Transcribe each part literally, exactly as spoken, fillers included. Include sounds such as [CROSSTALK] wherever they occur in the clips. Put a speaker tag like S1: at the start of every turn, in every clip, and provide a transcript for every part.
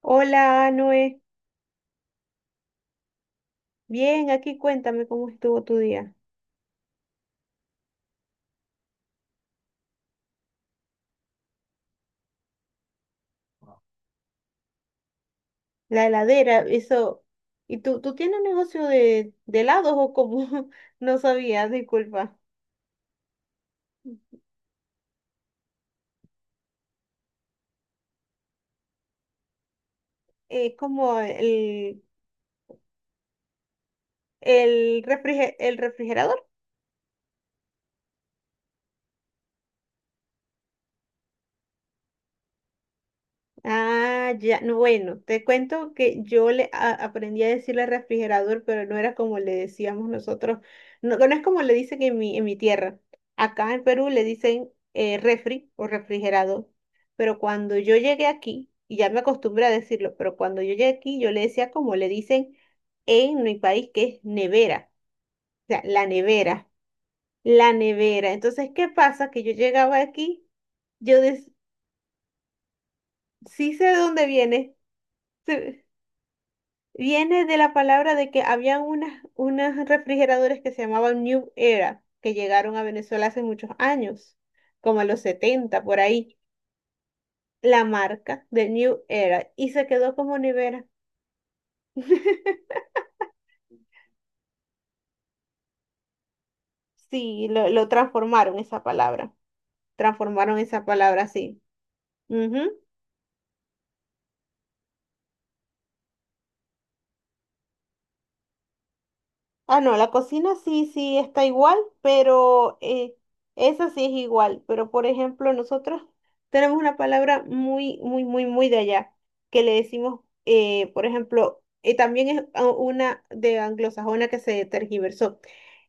S1: Hola, Noé. Bien, aquí cuéntame cómo estuvo tu día. La heladera, eso. ¿Y tú, tú tienes un negocio de, de helados o cómo? [LAUGHS] No sabía, disculpa. Es como el, el, refrige- el refrigerador. Ah, ya, no, bueno, te cuento que yo le a- aprendí a decirle refrigerador, pero no era como le decíamos nosotros, no, no es como le dicen en mi, en mi tierra. Acá en Perú le dicen eh, refri o refrigerador, pero cuando yo llegué aquí, y ya me acostumbré a decirlo, pero cuando yo llegué aquí yo le decía como le dicen en mi país, que es nevera, o sea, la nevera, la nevera. Entonces, ¿qué pasa? Que yo llegaba aquí, yo des- sí sé de dónde viene. [LAUGHS] Viene de la palabra de que habían unas, unas refrigeradores que se llamaban New Era, que llegaron a Venezuela hace muchos años, como a los setenta por ahí, la marca de New Era, y se quedó como nevera. [LAUGHS] Sí, lo, lo transformaron esa palabra, transformaron esa palabra así. Ah, no, la cocina sí, sí está igual, pero eh, esa sí es igual. Pero por ejemplo, nosotros tenemos una palabra muy, muy, muy, muy de allá, que le decimos, eh, por ejemplo, eh, también es a- una de anglosajona que se tergiversó.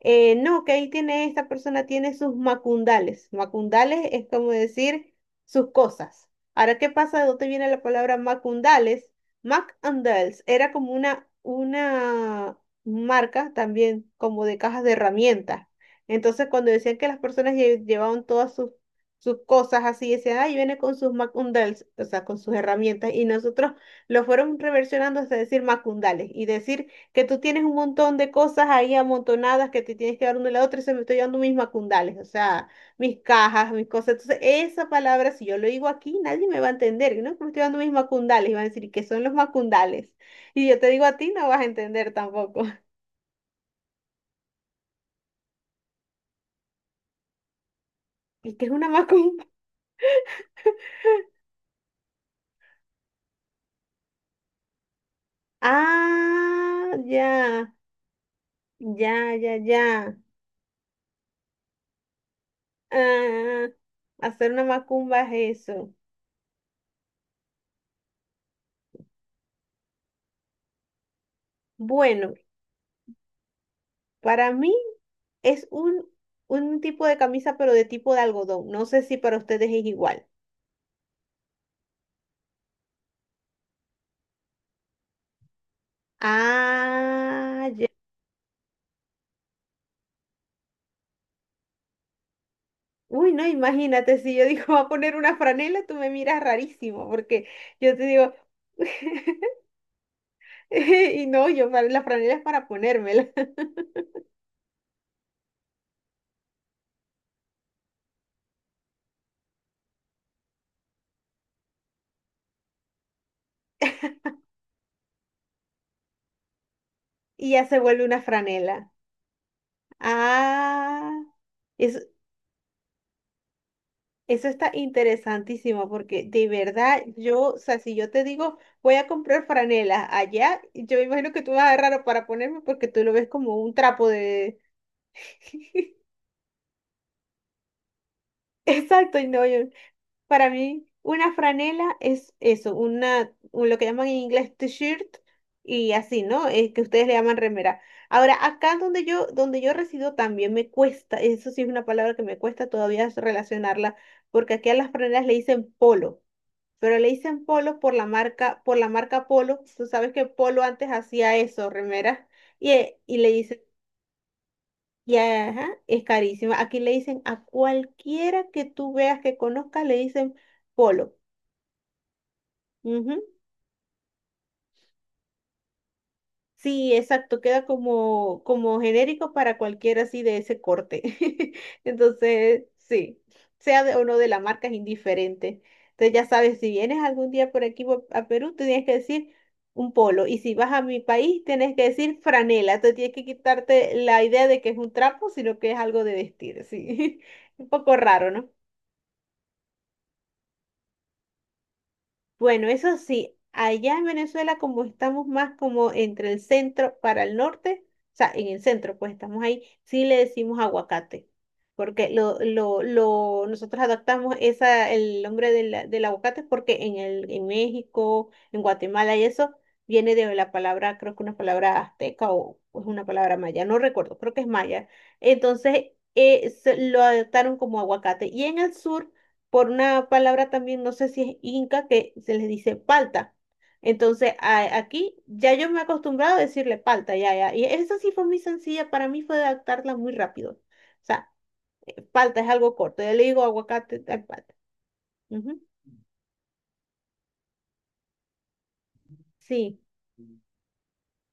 S1: Eh, no, que ahí tiene, esta persona tiene sus macundales. Macundales es como decir sus cosas. Ahora, ¿qué pasa? ¿De dónde viene la palabra macundales? Mac and Dales, era como una, una marcas también como de cajas de herramientas. Entonces, cuando decían que las personas lle- llevaban todas sus, sus cosas así, decían, ay, viene con sus macundales, o sea, con sus herramientas, y nosotros lo fueron reversionando hasta decir macundales y decir que tú tienes un montón de cosas ahí amontonadas que te tienes que dar una a la otra y se me estoy llevando mis macundales, o sea, mis cajas, mis cosas. Entonces, esa palabra, si yo lo digo aquí, nadie me va a entender, ¿no? Que me estoy dando mis macundales y van a decir, ¿qué son los macundales? Y yo te digo a ti, no vas a entender tampoco. ¿Y qué es una macumba? Ah, ya, ya, ya, ya. Ah, hacer una macumba es eso. Bueno, para mí es un, un tipo de camisa, pero de tipo de algodón. No sé si para ustedes es igual. Ah, ya. Uy, no, imagínate, si yo digo, [LAUGHS] va a poner una franela, tú me miras rarísimo, porque yo te digo, [LAUGHS] y no, yo para- la franela es para ponérmela. [LAUGHS] Y ya se vuelve una franela. Ah. Eso, eso está interesantísimo porque de verdad yo, o sea, si yo te digo voy a comprar franelas allá, yo me imagino que tú vas a agarrar para ponerme porque tú lo ves como un trapo de... [LAUGHS] Exacto, y no, yo- para mí una franela es eso, una, un- lo que llaman en inglés t-shirt y así, ¿no? Es que ustedes le llaman remera. Ahora, acá donde yo, donde yo resido también me cuesta, eso sí es una palabra que me cuesta todavía relacionarla porque aquí a las franelas le dicen polo, pero le dicen polo por la marca, por la marca Polo. Tú sabes que Polo antes hacía eso, remeras, y, eh, y le dicen, y ajá, es carísima. Aquí le dicen a cualquiera que tú veas que conozcas, le dicen polo. Ujú. Sí, exacto, queda como, como genérico para cualquiera así de ese corte. [LAUGHS] Entonces, sí, sea de, o no de la marca es indiferente. Entonces ya sabes, si vienes algún día por aquí por- a Perú, tú tienes que decir un polo. Y si vas a mi país, tienes que decir franela. Entonces tienes que quitarte la idea de que es un trapo, sino que es algo de vestir, sí. [LAUGHS] Un poco raro, ¿no? Bueno, eso sí, allá en Venezuela como estamos más como entre el centro para el norte, o sea, en el centro pues estamos ahí, sí le decimos aguacate, porque lo, lo, lo, nosotros adaptamos esa, el nombre del, del aguacate porque en el, en México, en Guatemala y eso viene de la palabra, creo que una palabra azteca o es una palabra maya, no recuerdo, creo que es maya. Entonces eh, se- lo adaptaron como aguacate. Y en el sur por una palabra también, no sé si es inca, que se les dice palta. Entonces, a- aquí ya yo me he acostumbrado a decirle palta, ya, ya. Y esa sí fue muy sencilla, para mí fue adaptarla muy rápido. O sea, palta es algo corto, yo le digo aguacate, tal palta. Ujú. Sí,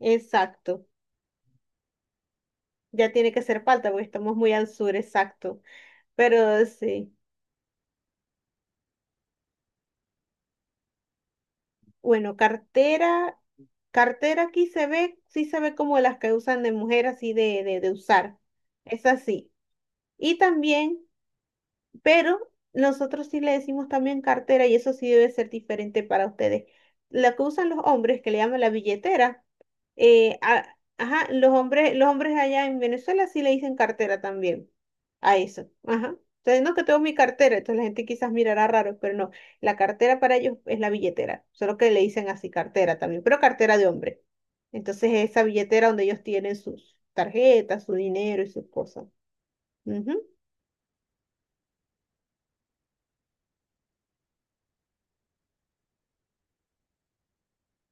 S1: exacto. Ya tiene que ser palta porque estamos muy al sur, exacto. Pero sí. Bueno, cartera, cartera aquí se ve, sí se ve como las que usan de mujer así de, de, de usar. Es así. Y también. Pero nosotros sí le decimos también cartera y eso sí debe ser diferente para ustedes. La que usan los hombres, que le llaman la billetera, eh, a- ajá, los hombres, los hombres allá en Venezuela sí le dicen cartera también a eso. Ajá. Entonces, no que tengo mi cartera, entonces la gente quizás mirará raro, pero no, la cartera para ellos es la billetera, solo que le dicen así cartera también, pero cartera de hombre. Entonces, esa billetera donde ellos tienen sus tarjetas, su dinero y sus cosas. Ujú.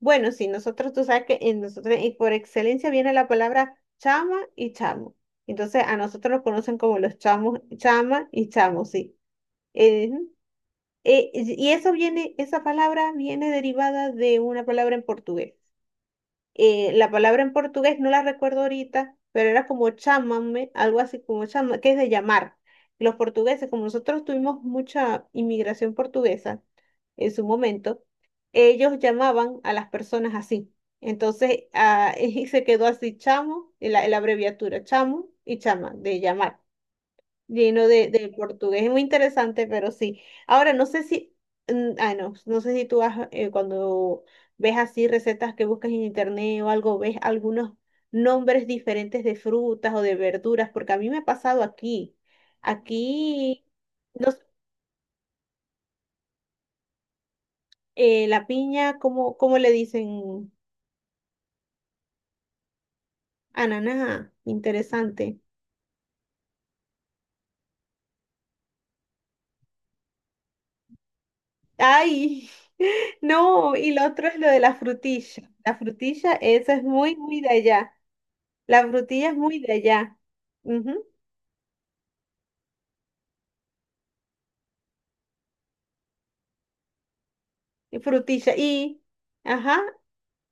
S1: Bueno, sí, nosotros, tú sabes que en nosotros, y por excelencia viene la palabra chama y chamo. Entonces, a nosotros nos conocen como los chamos, chama y chamo, sí. Eh, eh, y y eso viene, esa palabra viene derivada de una palabra en portugués, eh, la palabra en portugués no la recuerdo ahorita, pero era como chámame, algo así como chama, que es de llamar. Los portugueses, como nosotros tuvimos mucha inmigración portuguesa en su momento, ellos llamaban a las personas así. Entonces, ah, [LAUGHS] y se quedó así chamo, y la, la abreviatura chamo y chama, de llamar lleno de, de portugués. Es muy interesante, pero sí. Ahora, no sé si, mm, ay, no, no sé si tú has, eh, cuando ves así recetas que buscas en internet o algo, ves algunos nombres diferentes de frutas o de verduras, porque a mí me ha pasado aquí. Aquí, no s- eh, la piña, ¿cómo, cómo le dicen? Ananá, interesante. Ay, [LAUGHS] no, y lo otro es lo de la frutilla. La frutilla, eso es muy, muy de allá. La frutilla es muy de allá. Ujú. Y frutilla. Y, ajá,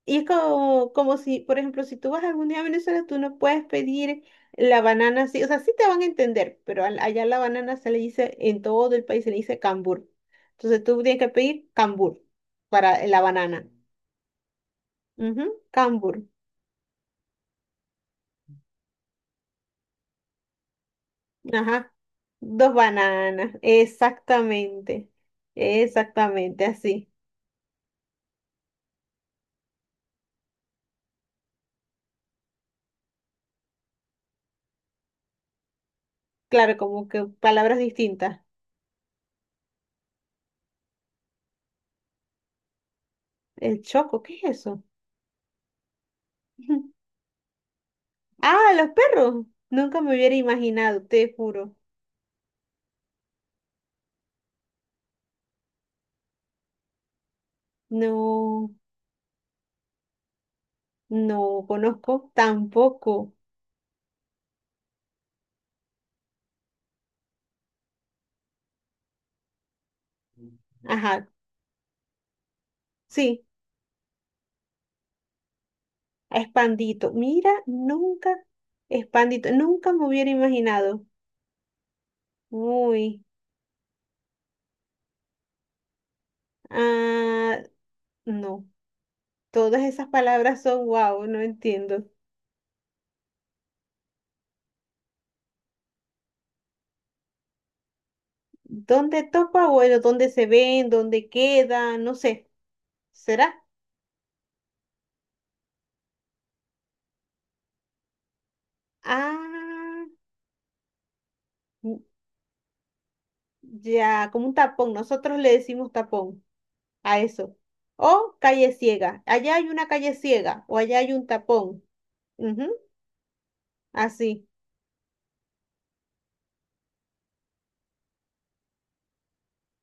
S1: y es como, como, si, por ejemplo, si tú vas algún día a Venezuela, tú no puedes pedir la banana así. O sea, sí te van a entender, pero al- allá la banana se le dice, en todo el país se le dice cambur. Entonces tú tienes que pedir cambur para la banana. Ujú. Cambur. Ajá. Dos bananas. Exactamente. Exactamente así. Claro, como que palabras distintas. El choco, ¿qué es eso? [LAUGHS] Ah, los perros. Nunca me hubiera imaginado, te juro. No, no conozco tampoco. Ajá, sí, Espandito. Mira, nunca, Espandito, nunca me hubiera imaginado. Uy, ah, no. Todas esas palabras son wow, no entiendo. ¿Dónde topa, bueno? ¿Dónde se ven? ¿Dónde queda? No sé. ¿Será? Ah, ya, como un tapón. Nosotros le decimos tapón a eso. O calle ciega. Allá hay una calle ciega o allá hay un tapón. Ujú. Así.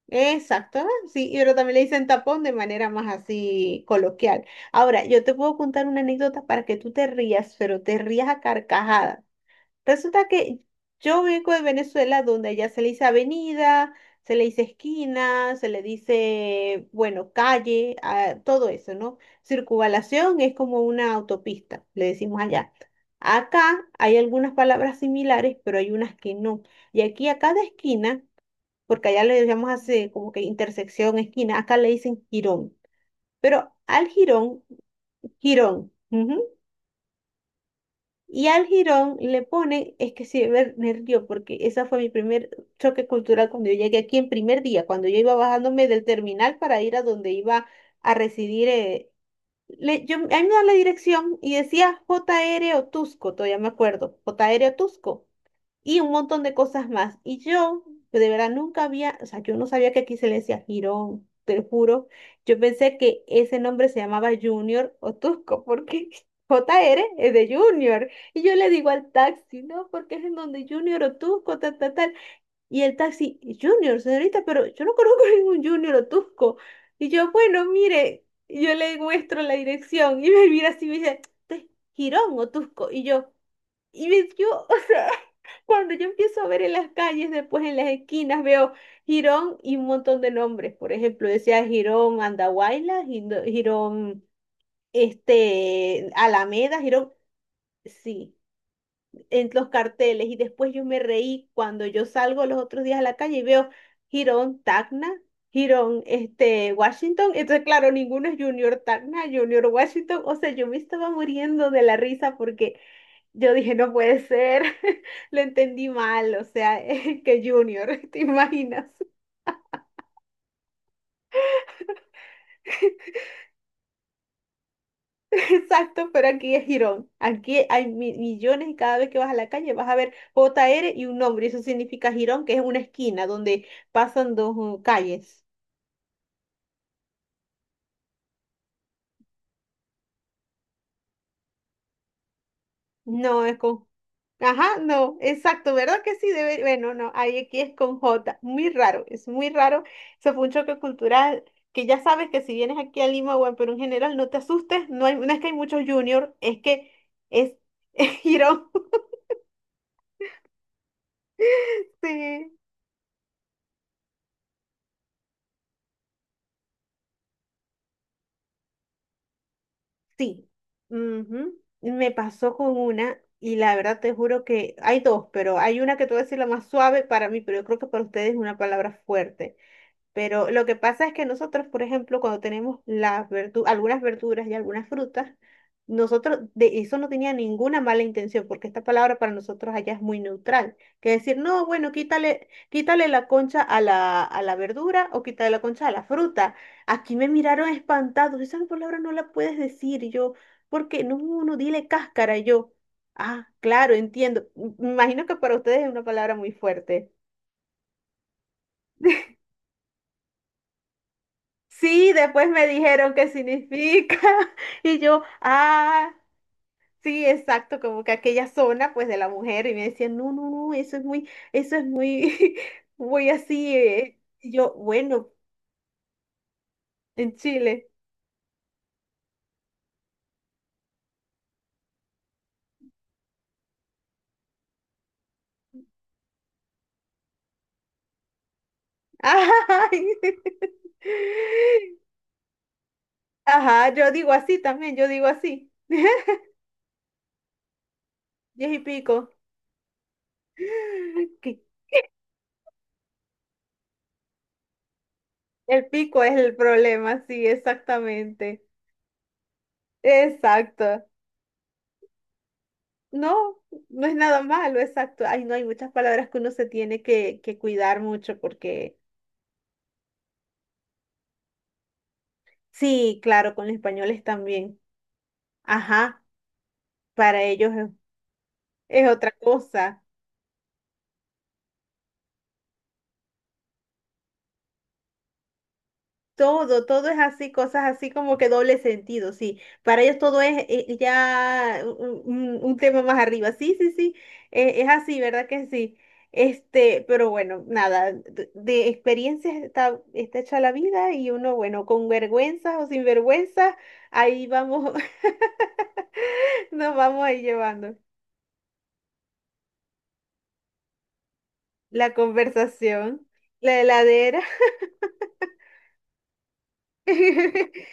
S1: Exacto. Ah, sí, y pero también le dicen tapón de manera más así coloquial. Ahora, yo te puedo contar una anécdota para que tú te rías, pero te rías a carcajadas. Resulta que yo vengo de Venezuela, donde allá se le dice avenida, se le dice esquina, se le dice, bueno, calle, ah, todo eso, ¿no? Circunvalación es como una autopista, le decimos allá. Acá hay algunas palabras similares, pero hay unas que no. Y aquí a cada esquina, porque allá le llamamos así como que intersección, esquina, acá le dicen jirón. Pero al jirón, jirón. Ujú. Y al jirón le ponen, es que sí, ver, nervio, porque esa fue mi primer choque cultural cuando yo llegué aquí en primer día, cuando yo iba bajándome del terminal para ir a donde iba a residir. eh, le- yo, a mí me da la dirección y decía J R Otusco, todavía me acuerdo, J R Otusco y un montón de cosas más. Y yo, de verdad, nunca había, o sea, yo no sabía que aquí se le decía Girón, te lo juro. Yo pensé que ese nombre se llamaba Junior o Tusco, porque [LAUGHS] J R es de Junior. Y yo le digo al taxi, no, porque es en donde Junior o Tusco, tal, tal, tal. Y el taxi, Junior, señorita, pero yo no conozco [LAUGHS] ningún Junior o Tusco. Y yo, bueno, mire, y yo le muestro la dirección y me mira así y me dice, "Este es Girón o Tusco". Y yo, y me, yo, [LAUGHS] cuando yo empiezo a ver en las calles, después en las esquinas, veo Girón y un montón de nombres. Por ejemplo, decía Girón Andahuaylas, Gindo- Girón este, Alameda, Girón, sí, en los carteles. Y después yo me reí cuando yo salgo los otros días a la calle y veo Girón Tacna, Girón este, Washington. Entonces, claro, ninguno es Junior Tacna, Junior Washington. O sea, yo me estaba muriendo de la risa porque yo dije, no puede ser, [LAUGHS] lo entendí mal, o sea, [LAUGHS] ¿que Junior, te imaginas? [LAUGHS] Exacto, pero aquí es Girón. Aquí hay mi- millones y cada vez que vas a la calle vas a ver J R y un nombre, y eso significa Girón, que es una esquina donde pasan dos uh, calles. No, es con. Ajá, no, exacto, ¿verdad que sí? Debe, bueno, no, ahí aquí es con J, muy raro, es muy raro. Eso fue un choque cultural que ya sabes que si vienes aquí a Lima o en Perú en general, no te asustes, no hay, no es que hay muchos juniors, es que es, [LAUGHS] es girón. Sí, sí, ujú. Me pasó con una y la verdad te juro que hay dos, pero hay una que te voy a decir la más suave para mí, pero yo creo que para ustedes es una palabra fuerte. Pero lo que pasa es que nosotros, por ejemplo, cuando tenemos las verdu- algunas verduras y algunas frutas, nosotros de eso no tenía ninguna mala intención, porque esta palabra para nosotros allá es muy neutral. Que decir, no, bueno, quítale, quítale la concha a la, a la verdura o quítale la concha a la fruta. Aquí me miraron espantados, esa palabra no la puedes decir. Y yo, porque no, no, no, dile cáscara. Y yo, ah, claro, entiendo. Me imagino que para ustedes es una palabra muy fuerte. Sí, después me dijeron qué significa. [LAUGHS] Y yo, ah, sí, exacto, como que aquella zona pues de la mujer y me decían, no, no, no, eso es muy, eso es muy, [LAUGHS] muy así. eh". Y yo, bueno, en Chile. [LAUGHS] Ay. Ajá, yo digo así también, yo digo así, diez y pico. [LAUGHS] Que el pico es el problema, sí, exactamente. Exacto. No, no es nada malo, exacto. Ay, no, hay muchas palabras que uno se tiene que, que cuidar mucho porque, sí, claro, con los españoles también. Ajá, para ellos es, es otra cosa. Todo, todo es así, cosas así como que doble sentido, sí. Para ellos todo es eh, eh, ya un, un- un tema más arriba. Sí, sí, sí, eh, es así, ¿verdad que sí? Este, pero bueno, nada, de, de experiencias está, está hecha la vida y uno, bueno, con vergüenza o sin vergüenza, ahí vamos, [LAUGHS] nos vamos ahí llevando la conversación, la heladera. [LAUGHS]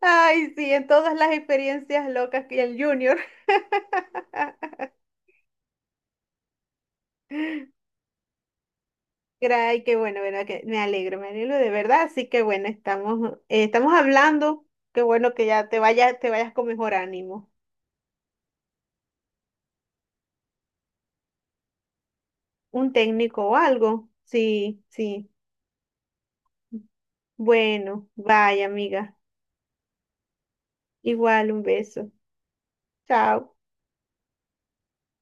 S1: Ay, sí, en todas las experiencias locas que el Junior. Ay, qué bueno, bueno, que me alegro, me alegro de verdad. Así que bueno, estamos, eh, estamos hablando. Qué bueno que ya te vayas, te vayas con mejor ánimo. Un técnico o algo. Sí, sí. Bueno, vaya, amiga. Igual, un beso. Chao.